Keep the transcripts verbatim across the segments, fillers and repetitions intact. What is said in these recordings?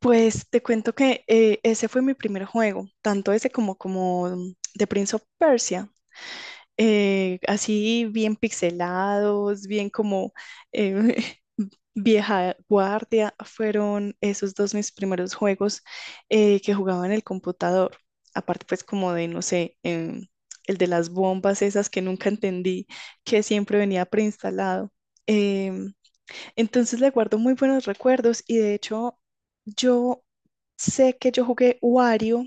Pues te cuento que eh, ese fue mi primer juego, tanto ese como, como mm, The Prince of Persia, eh, así bien pixelados, bien como eh, vieja guardia, fueron esos dos mis primeros juegos eh, que jugaba en el computador, aparte pues como de, no sé, em, el de las bombas esas que nunca entendí, que siempre venía preinstalado. Em, entonces le guardo muy buenos recuerdos y de hecho yo sé que yo jugué Wario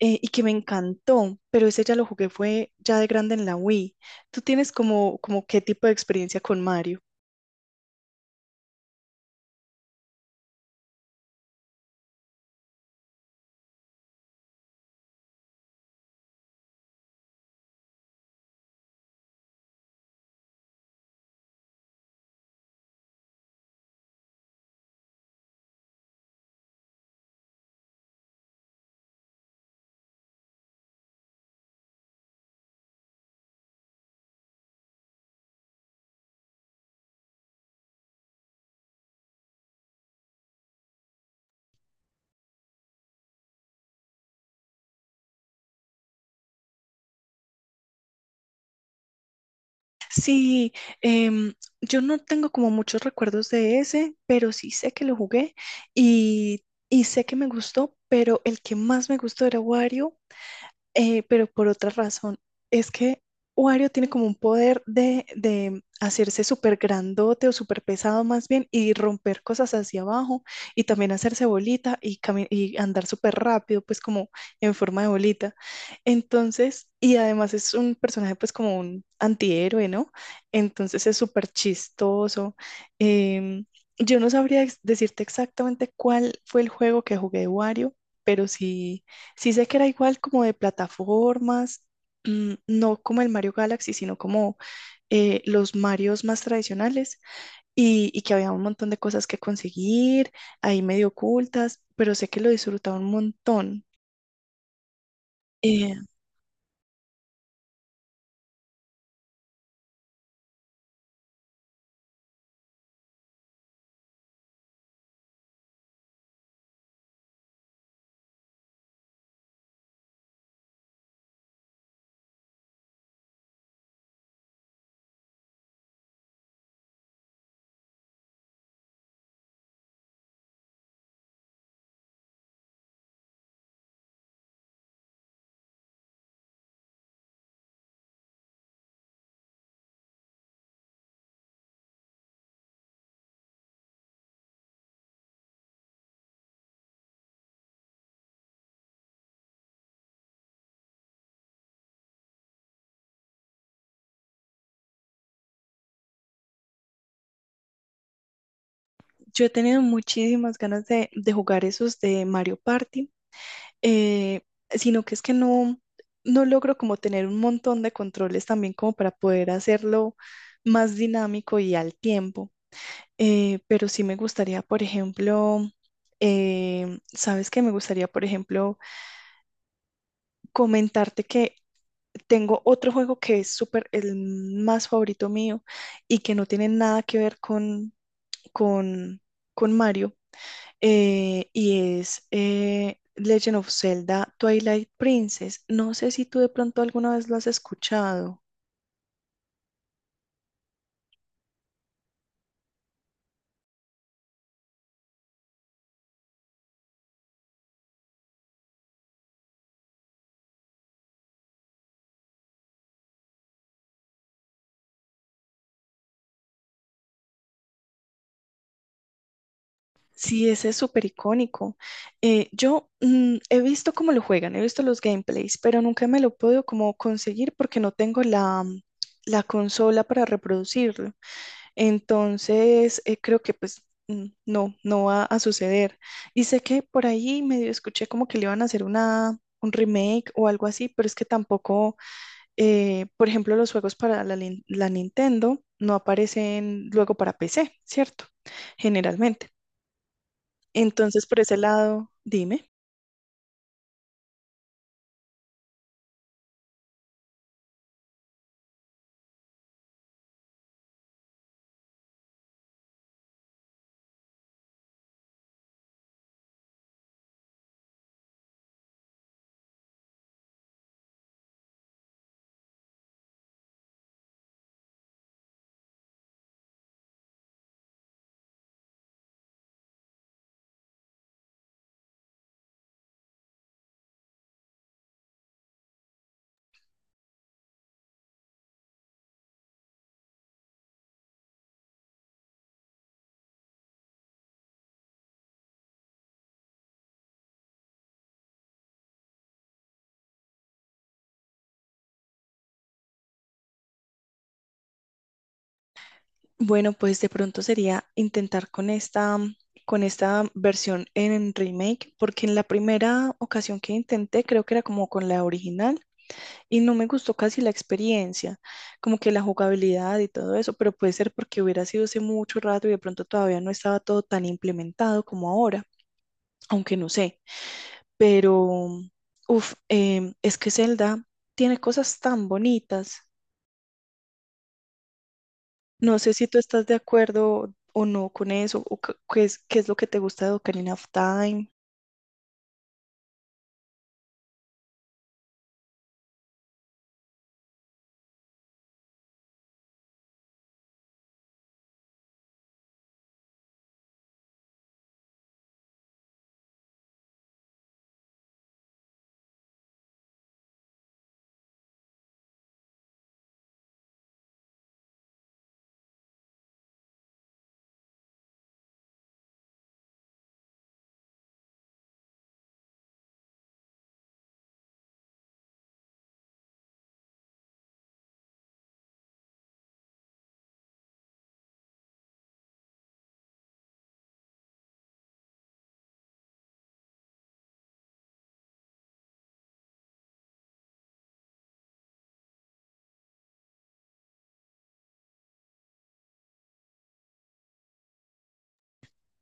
eh, y que me encantó, pero ese ya lo jugué fue ya de grande en la Wii. ¿Tú tienes como, como qué tipo de experiencia con Mario? Sí, em, yo no tengo como muchos recuerdos de ese, pero sí sé que lo jugué y, y sé que me gustó, pero el que más me gustó era Wario, eh, pero por otra razón, es que Wario tiene como un poder de, de hacerse súper grandote o súper pesado más bien y romper cosas hacia abajo y también hacerse bolita y, cami- y andar súper rápido, pues como en forma de bolita. Entonces, y además es un personaje pues como un antihéroe, ¿no? Entonces es súper chistoso. Em, yo no sabría ex- decirte exactamente cuál fue el juego que jugué de Wario, pero sí Sí sé que era igual como de plataformas, mm, no como el Mario Galaxy, sino como eh, los Marios más tradicionales y, y que había un montón de cosas que conseguir, ahí medio ocultas, pero sé que lo disfrutaba un montón. Eh, yo he tenido muchísimas ganas de, de jugar esos de Mario Party, eh, sino que es que no, no logro como tener un montón de controles también como para poder hacerlo más dinámico y al tiempo. Eh, pero sí me gustaría, por ejemplo, eh, ¿sabes que me gustaría, por ejemplo, comentarte que tengo otro juego que es súper, el más favorito mío y que no tiene nada que ver con, con, con Mario, eh, y es eh, Legend of Zelda Twilight Princess? No sé si tú de pronto alguna vez lo has escuchado. Sí, ese es súper icónico. Eh, yo mm, he visto cómo lo juegan, he visto los gameplays, pero nunca me lo puedo como conseguir porque no tengo la, mm, la consola para reproducirlo. Entonces, eh, creo que pues mm, no, no va a suceder. Y sé que por ahí medio escuché como que le iban a hacer una, un remake o algo así, pero es que tampoco, eh, por ejemplo, los juegos para la, lin- la Nintendo no aparecen luego para P C, ¿cierto? Generalmente. Entonces, por ese lado, dime. Bueno, pues de pronto sería intentar con esta, con esta versión en remake, porque en la primera ocasión que intenté, creo que era como con la original y no me gustó casi la experiencia, como que la jugabilidad y todo eso, pero puede ser porque hubiera sido hace mucho rato y de pronto todavía no estaba todo tan implementado como ahora, aunque no sé, pero, uff, es que Zelda tiene cosas tan bonitas. No sé si tú estás de acuerdo o no con eso, o qué qué es, qué es lo que te gusta de Ocarina of Time.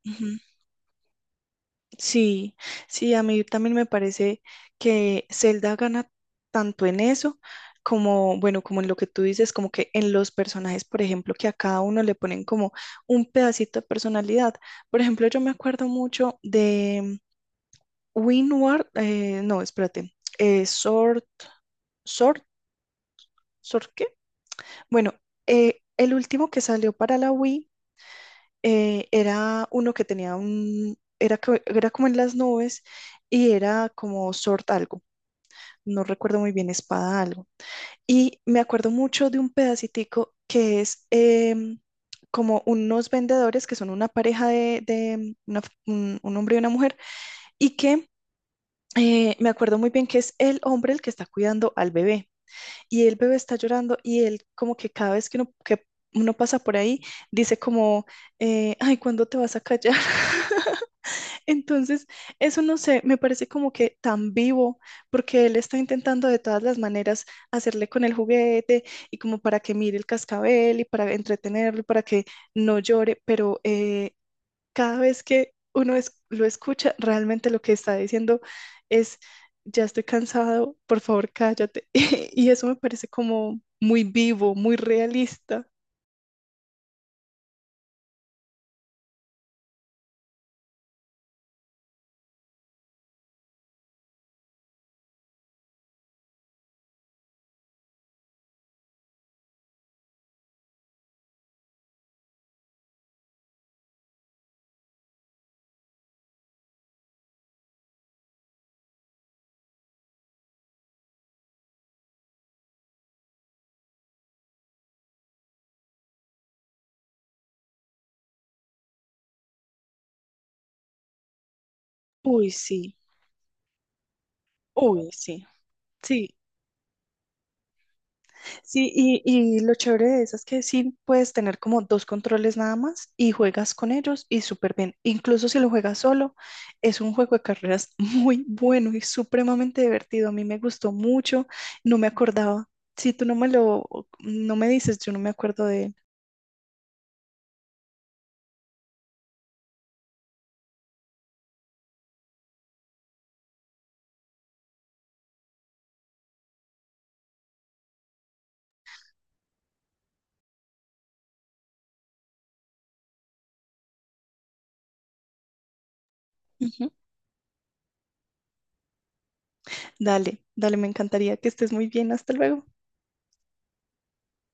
Ujú. Sí, sí, a mí también me parece que Zelda gana tanto en eso como, bueno, como en lo que tú dices, como que en los personajes, por ejemplo, que a cada uno le ponen como un pedacito de personalidad. Por ejemplo, yo me acuerdo mucho de Winward, eh, no, espérate, eh, Sword, Sword, ¿Sword qué? Bueno, eh, el último que salió para la Wii eh, era uno que tenía un, era, co- era como en las nubes y era como Sword algo, no recuerdo muy bien, espada algo. Y me acuerdo mucho de un pedacitico que es em, como unos vendedores que son una pareja de, de una- un, un hombre y una mujer y que eh, me acuerdo muy bien que es el hombre el que está cuidando al bebé. Y el bebé está llorando y él como que cada vez que uno, que uno pasa por ahí dice como, eh, ay, ¿cuándo te vas a callar? Entonces, eso no sé, me parece como que tan vivo, porque él está intentando de todas las maneras hacerle con el juguete y como para que mire el cascabel y para entretenerlo y para que no llore, pero eh, cada vez que uno es- lo escucha, realmente lo que está diciendo es, ya estoy cansado, por favor, cállate. Y eso me parece como muy vivo, muy realista. Uy, sí, uy, sí. Sí, sí, y, y lo chévere de eso es que sí puedes tener como dos controles nada más y juegas con ellos y súper bien. Incluso si lo juegas solo, es un juego de carreras muy bueno y supremamente divertido. A mí me gustó mucho, no me acordaba. Si tú no me lo, no me dices, yo no me acuerdo de él. Ujú. Dale, dale, me encantaría que estés muy bien. Hasta luego.